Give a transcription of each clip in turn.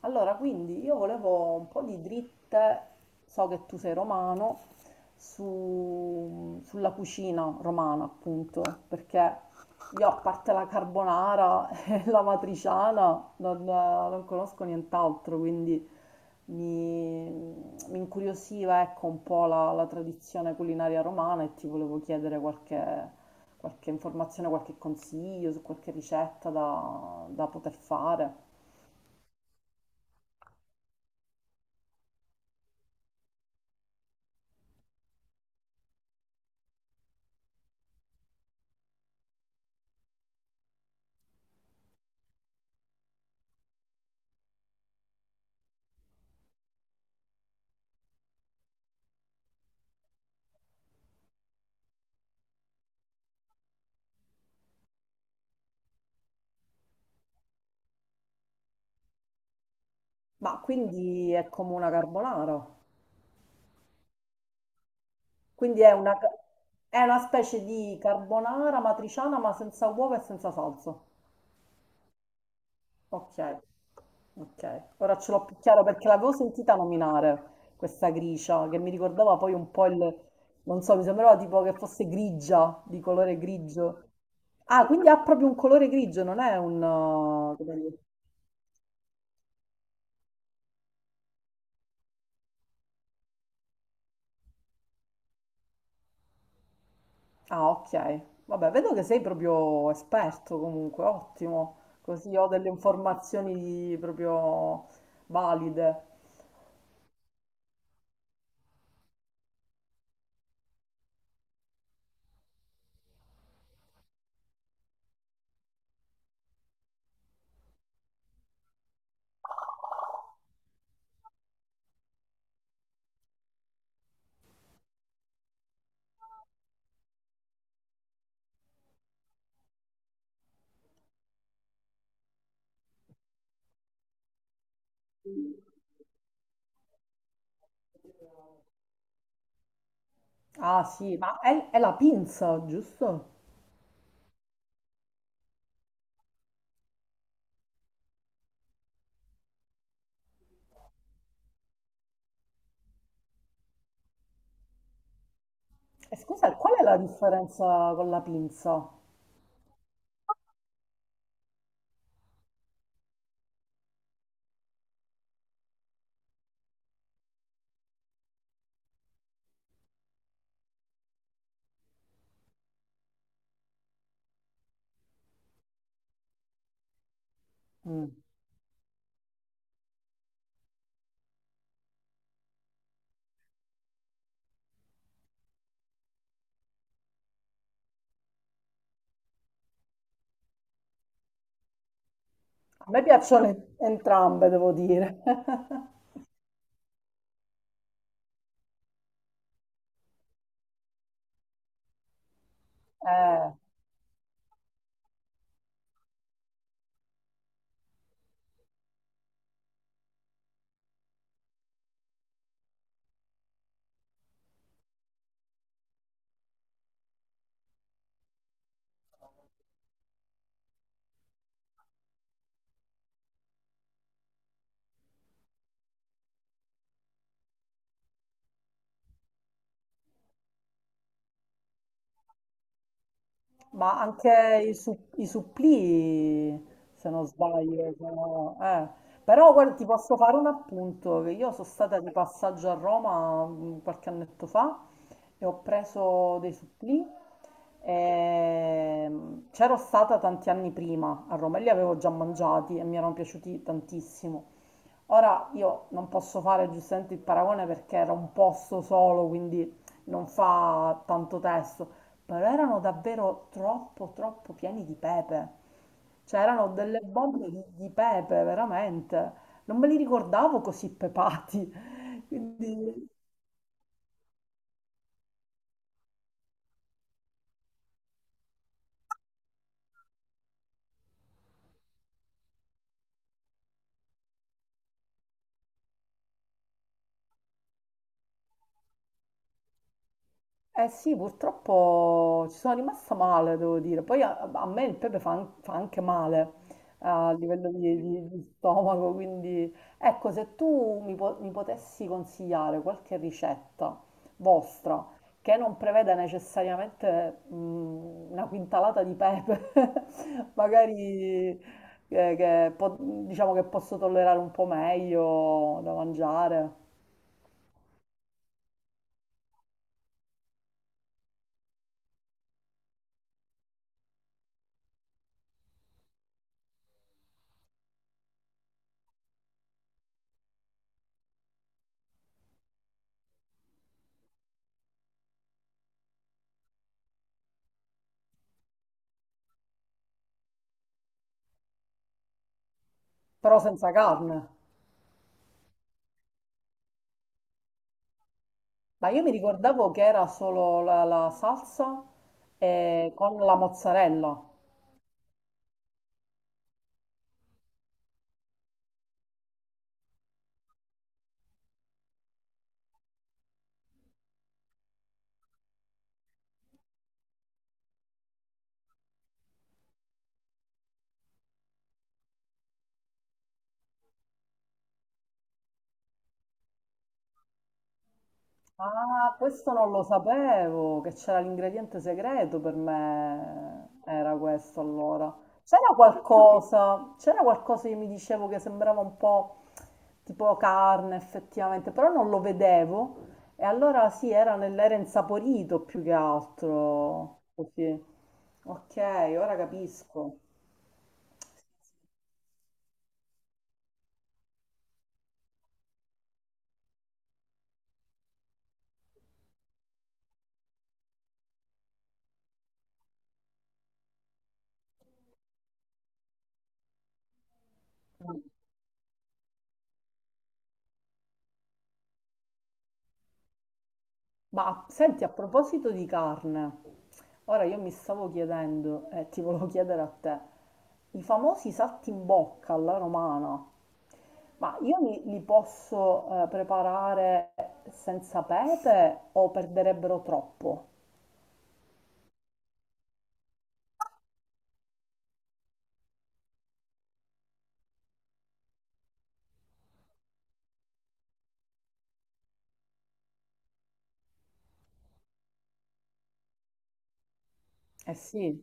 Allora, quindi io volevo un po' di dritte, so che tu sei romano, sulla cucina romana, appunto, perché io a parte la carbonara e la matriciana non conosco nient'altro, quindi mi, mi incuriosiva, ecco, un po' la tradizione culinaria romana e ti volevo chiedere qualche informazione, qualche consiglio su qualche ricetta da poter fare. Ma quindi è come una carbonara. Quindi è è una specie di carbonara matriciana ma senza uova e senza salsa. Ok, ok. Ora ce l'ho più chiaro perché l'avevo sentita nominare questa gricia che mi ricordava poi un po' il... Non so, mi sembrava tipo che fosse grigia, di colore grigio. Ah, quindi ha proprio un colore grigio, non è un... come dire. Ah, ok. Vabbè, vedo che sei proprio esperto comunque, ottimo. Così ho delle informazioni proprio valide. Ah, sì, ma è la pinza, giusto? E scusa, qual è la differenza con la pinza? Mm. A me piacciono entrambe, devo dire. Eh. Ma anche i supplì, se non sbaglio, sono. Però guarda, ti posso fare un appunto, che io sono stata di passaggio a Roma qualche annetto fa e ho preso dei supplì. C'ero stata tanti anni prima a Roma e li avevo già mangiati e mi erano piaciuti tantissimo. Ora io non posso fare giustamente il paragone perché era un posto solo, quindi non fa tanto testo, però erano davvero troppo pieni di pepe. Cioè erano delle bombe di pepe, veramente. Non me li ricordavo così pepati. Quindi eh sì, purtroppo ci sono rimasta male, devo dire. Poi a me il pepe fa anche male a livello di stomaco, quindi ecco, se tu mi potessi consigliare qualche ricetta vostra che non preveda necessariamente una quintalata di pepe, magari eh, che po- diciamo che posso tollerare un po' meglio da mangiare, però senza carne. Ma io mi ricordavo che era solo la salsa con la mozzarella. Ah, questo non lo sapevo, che c'era l'ingrediente segreto per me. Era questo allora. C'era qualcosa che mi dicevo che sembrava un po' tipo carne effettivamente, però non lo vedevo. E allora sì, era nell'era insaporito più che altro. Così. Ok, ora capisco. Ma senti, a proposito di carne, ora io mi stavo chiedendo, e ti volevo chiedere a te, i famosi salti in bocca alla romana, ma io li posso preparare senza pepe o perderebbero troppo? Eh sì,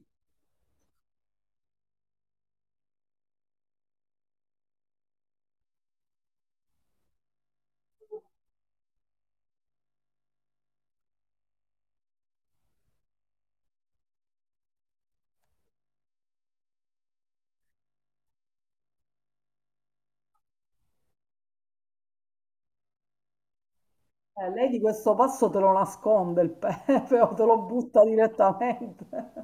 lei di questo passo te lo nasconde il pepe o te lo butta direttamente.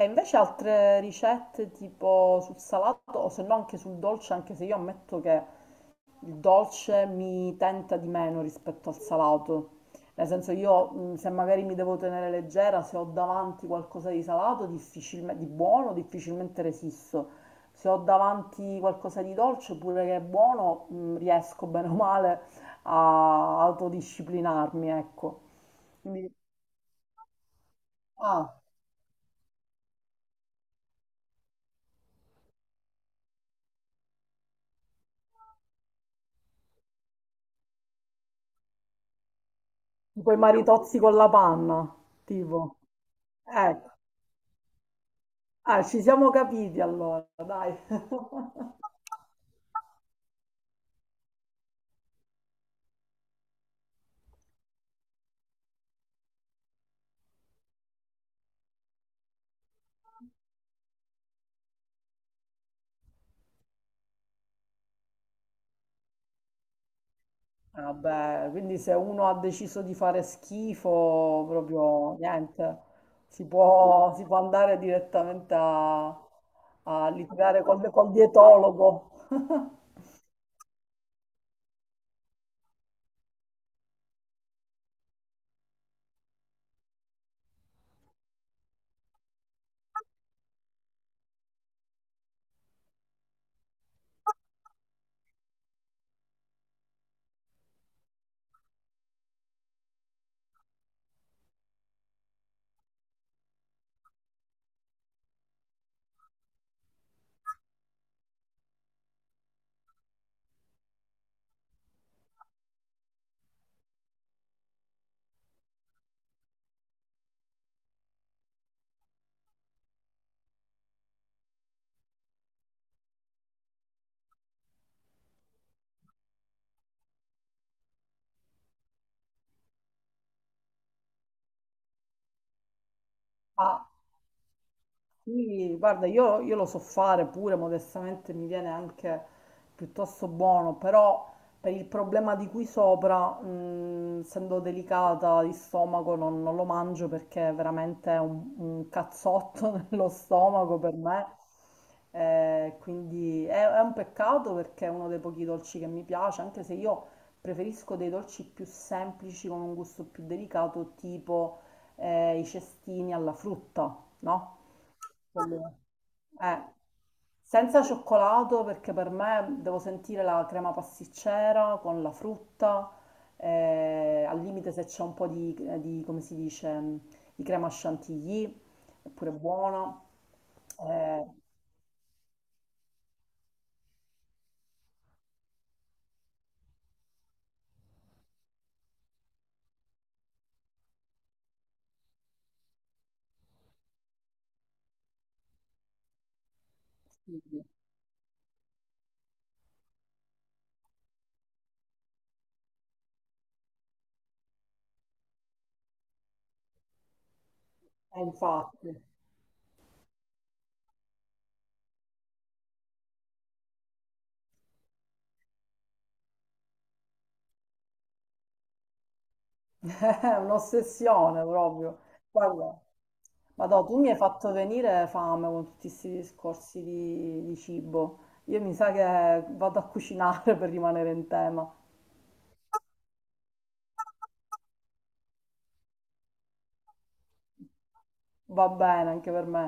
E invece altre ricette tipo sul salato o se no anche sul dolce, anche se io ammetto che il dolce mi tenta di meno rispetto al salato, nel senso io se magari mi devo tenere leggera, se ho davanti qualcosa di salato, di buono, difficilmente resisto. Se ho davanti qualcosa di dolce, pure che è buono, riesco bene o male a autodisciplinarmi, ecco. Quindi, ah, tipo i maritozzi con la panna, tipo. Ecco, ah, ci siamo capiti allora, dai. Vabbè, quindi se uno ha deciso di fare schifo, proprio niente, si può andare direttamente a, a litigare col dietologo. Ah. Sì, guarda, io lo so fare pure, modestamente mi viene anche piuttosto buono, però per il problema di qui sopra, essendo delicata di stomaco, non lo mangio perché è veramente un cazzotto nello stomaco per me. Quindi è un peccato perché è uno dei pochi dolci che mi piace, anche se io preferisco dei dolci più semplici con un gusto più delicato, tipo i cestini alla frutta, no? quello- eh, Senza cioccolato perché per me devo sentire la crema pasticcera con la frutta, al limite se c'è un po' come si dice, di crema chantilly, è pure buona. Eh, sì, sì. Eh, infatti. È un'ossessione proprio. Guarda, Madò, tu mi hai fatto venire fame con tutti questi discorsi di cibo. Io mi sa che vado a cucinare per rimanere in tema. Va bene anche per me.